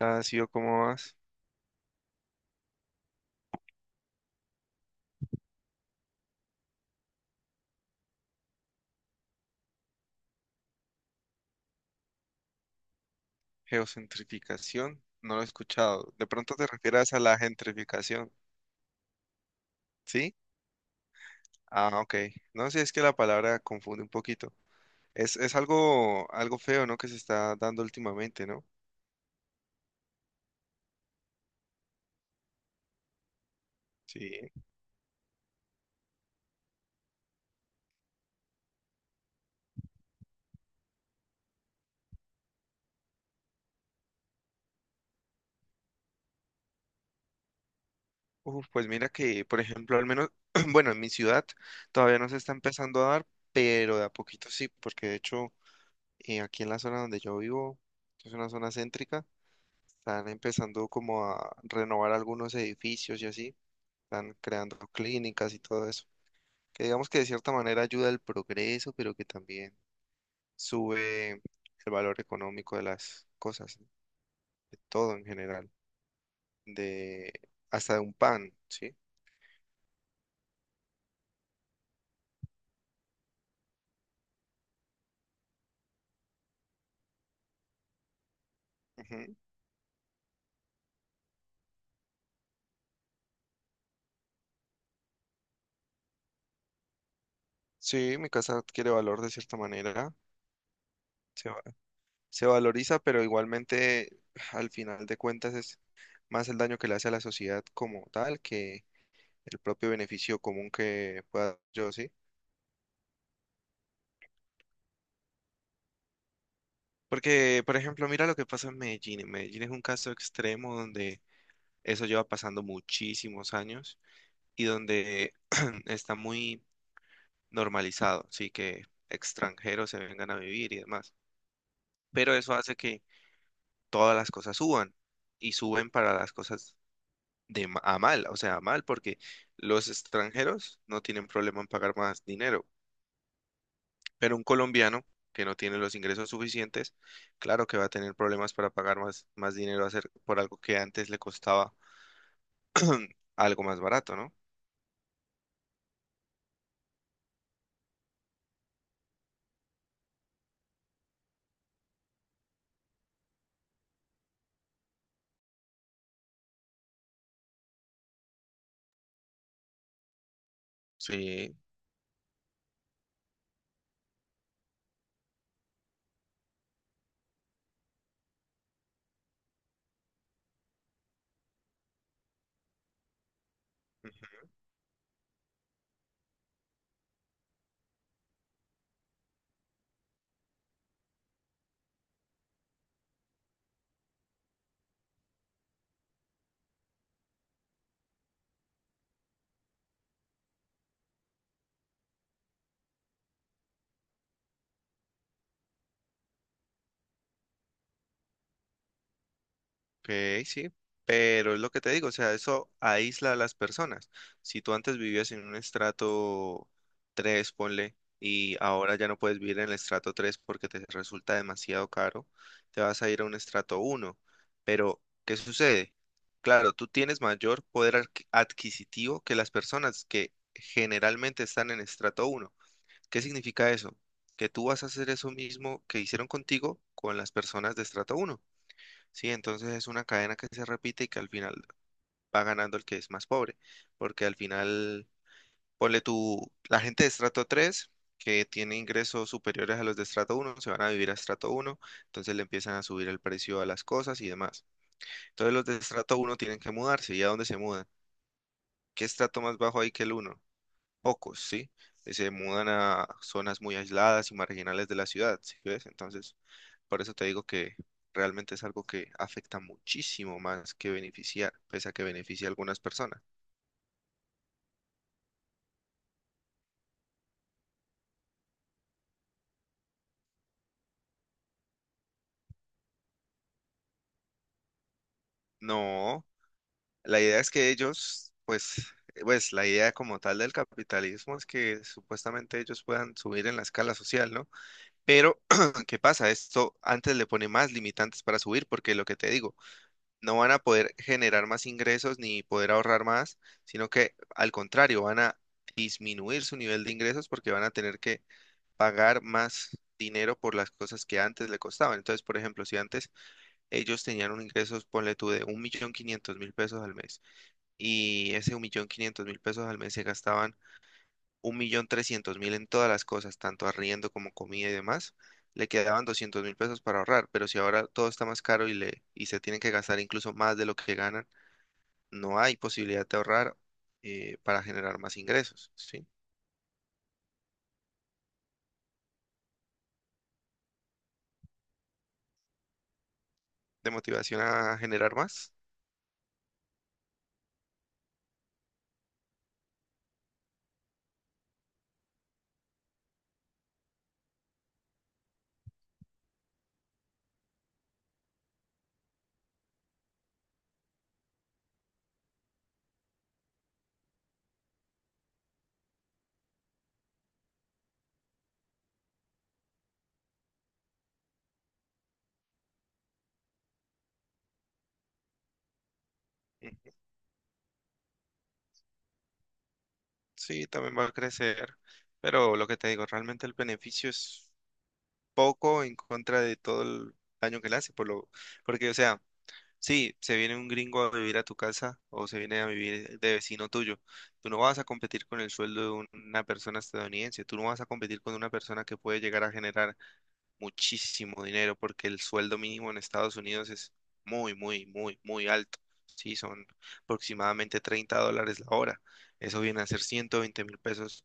Ha sido como más geocentrificación. No lo he escuchado. De pronto te refieras a la gentrificación, ¿sí? Ah, ok. No sí, es que la palabra confunde un poquito. Es algo, feo, ¿no? Que se está dando últimamente, ¿no? Sí. Uf, pues mira que, por ejemplo, al menos, bueno, en mi ciudad todavía no se está empezando a dar, pero de a poquito sí, porque de hecho aquí en la zona donde yo vivo, que es una zona céntrica, están empezando como a renovar algunos edificios y así. Están creando clínicas y todo eso, que digamos que de cierta manera ayuda al progreso, pero que también sube el valor económico de las cosas, ¿no? De todo en general, de hasta de un pan, ¿sí? Ujú. Sí, mi casa adquiere valor de cierta manera, se, va- se valoriza, pero igualmente al final de cuentas es más el daño que le hace a la sociedad como tal que el propio beneficio común que pueda yo, ¿sí? Porque, por ejemplo, mira lo que pasa en Medellín. En Medellín es un caso extremo donde eso lleva pasando muchísimos años y donde está muy normalizado, sí, que extranjeros se vengan a vivir y demás. Pero eso hace que todas las cosas suban y suben para las cosas a mal, o sea, a mal, porque los extranjeros no tienen problema en pagar más dinero. Pero un colombiano que no tiene los ingresos suficientes, claro que va a tener problemas para pagar más, dinero hacer por algo que antes le costaba algo más barato, ¿no? Sí. Ok, sí, pero es lo que te digo, o sea, eso aísla a las personas. Si tú antes vivías en un estrato 3, ponle, y ahora ya no puedes vivir en el estrato 3 porque te resulta demasiado caro, te vas a ir a un estrato uno. Pero, ¿qué sucede? Claro, tú tienes mayor adquisitivo que las personas que generalmente están en estrato uno. ¿Qué significa eso? Que tú vas a hacer eso mismo que hicieron contigo con las personas de estrato uno. Sí, entonces es una cadena que se repite y que al final va ganando el que es más pobre, porque al final, ponle tú, la gente de estrato 3 que tiene ingresos superiores a los de estrato uno se van a vivir a estrato uno, entonces le empiezan a subir el precio a las cosas y demás. Entonces los de estrato uno tienen que mudarse, ¿y a dónde se mudan? ¿Qué estrato más bajo hay que el uno? Ocos, ¿sí? Y se mudan a zonas muy aisladas y marginales de la ciudad, ¿sí ves? Entonces, por eso te digo que realmente es algo que afecta muchísimo más que beneficiar, pese a que beneficia a algunas personas. No, la idea es que ellos, pues, pues la idea como tal del capitalismo es que supuestamente ellos puedan subir en la escala social, ¿no? Pero, ¿qué pasa? Esto antes le pone más limitantes para subir, porque lo que te digo, no van a poder generar más ingresos ni poder ahorrar más, sino que al contrario, van a disminuir su nivel de ingresos porque van a tener que pagar más dinero por las cosas que antes le costaban. Entonces, por ejemplo, si antes ellos tenían un ingreso, ponle tú, de 1.500.000 pesos al mes y ese 1.500.000 pesos al mes se gastaban 1.300.000 en todas las cosas, tanto arriendo como comida y demás. Le quedaban 200.000 pesos para ahorrar, pero si ahora todo está más caro y se tienen que gastar incluso más de lo que ganan, no hay posibilidad de ahorrar para generar más ingresos, ¿sí? De motivación a generar más. Mm, sí, también va a crecer, pero lo que te digo, realmente el beneficio es poco en contra de todo el daño que le hace, por lo, porque, o sea, sí, se viene un gringo a vivir a tu casa o se viene a vivir de vecino tuyo, tú no vas a competir con el sueldo de una persona estadounidense, tú no vas a competir con una persona que puede llegar a generar muchísimo dinero porque el sueldo mínimo en Estados Unidos es muy, muy, muy, muy alto. Sí, son aproximadamente 30 dólares la hora. Eso viene a ser 120.000 pesos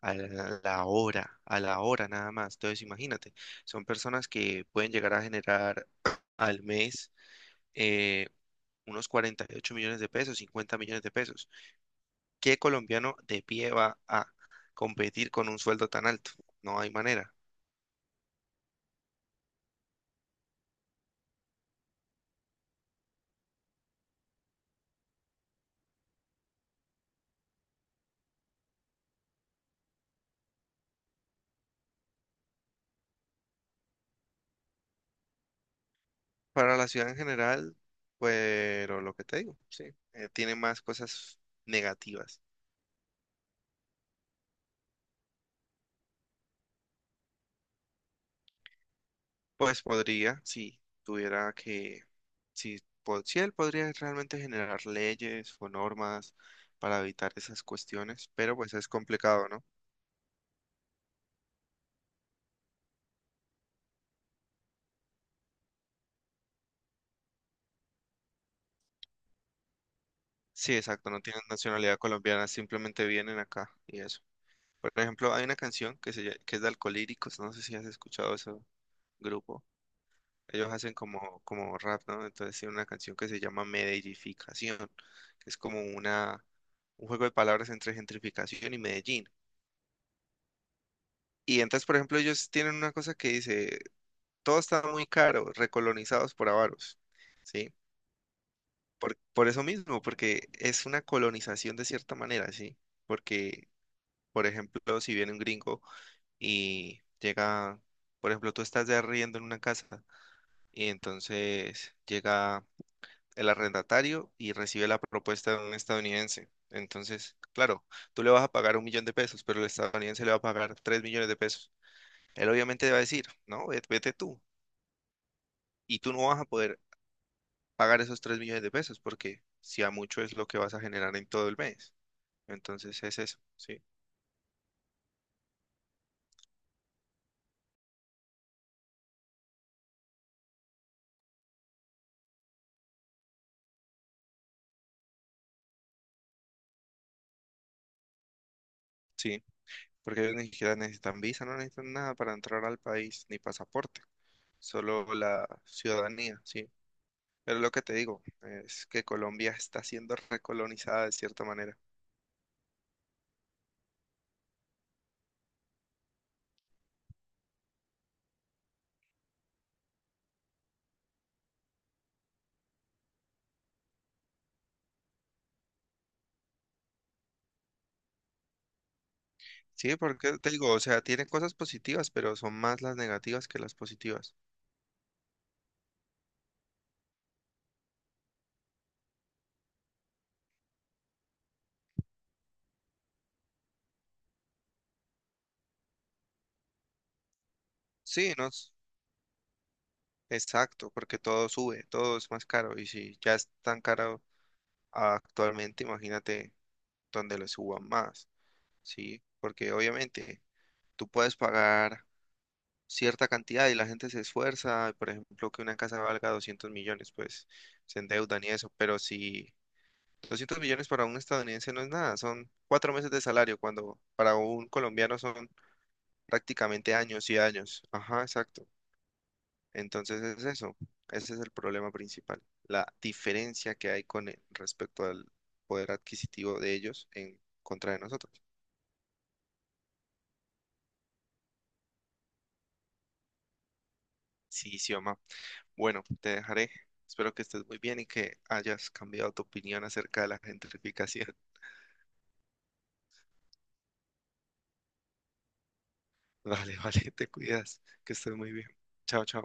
a la hora, a la hora nada más. Entonces, imagínate, son personas que pueden llegar a generar al mes eh, unos 48 millones de pesos, 50 millones de pesos. ¿Qué colombiano de pie va a competir con un sueldo tan alto? No hay manera. Para la ciudad en general, pero lo que te digo, sí, tiene más cosas negativas. Pues podría, si tuviera que, si, si él podría realmente generar leyes o normas para evitar esas cuestiones, pero pues es complicado, ¿no? Sí, exacto, no tienen nacionalidad colombiana, simplemente vienen acá y eso. Por ejemplo, hay una canción que es de Alcolíricos, no sé si has escuchado ese grupo. Ellos hacen como, como rap, ¿no? Entonces tiene una canción que se llama Medellificación, que es como una, un juego de palabras entre gentrificación y Medellín. Y entonces, por ejemplo, ellos tienen una cosa que dice, todo está muy caro, recolonizados por avaros, ¿sí? Por eso mismo, porque es una colonización de cierta manera, ¿sí? Porque, por ejemplo, si viene un gringo y llega, por ejemplo, tú estás de arriendo en una casa y entonces llega el arrendatario y recibe la propuesta de un estadounidense. Entonces, claro, tú le vas a pagar 1.000.000 de pesos, pero el estadounidense le va a pagar 3.000.000 de pesos. Él obviamente va a decir, no, vete tú. Y tú no vas a poder pagar esos 3.000.000 de pesos porque si a mucho es lo que vas a generar en todo el mes. Entonces es eso, sí, sí. Porque ellos ni siquiera necesitan visa, no necesitan nada para entrar al país, ni pasaporte, solo la ciudadanía, sí. Pero lo que te digo es que Colombia está siendo recolonizada de cierta manera. Sí, porque te digo, o sea, tiene cosas positivas, pero son más las negativas que las positivas. Sí, no, exacto, porque todo sube, todo es más caro, y si ya es tan caro actualmente, imagínate donde lo suban más, ¿sí? Porque obviamente tú puedes pagar cierta cantidad y la gente se esfuerza, por ejemplo, que una casa valga 200 millones, pues se endeudan y eso, pero si 200 millones para un estadounidense no es nada, son 4 meses de salario, cuando para un colombiano son prácticamente años y años. Ajá, exacto. Entonces es eso, ese es el problema principal, la diferencia que hay respecto al poder adquisitivo de ellos en contra de nosotros. Sí, Sioma. Bueno, te dejaré. Espero que estés muy bien y que hayas cambiado tu opinión acerca de la gentrificación. Vale, vale, te cuidas, que estés muy bien. Chao, chao.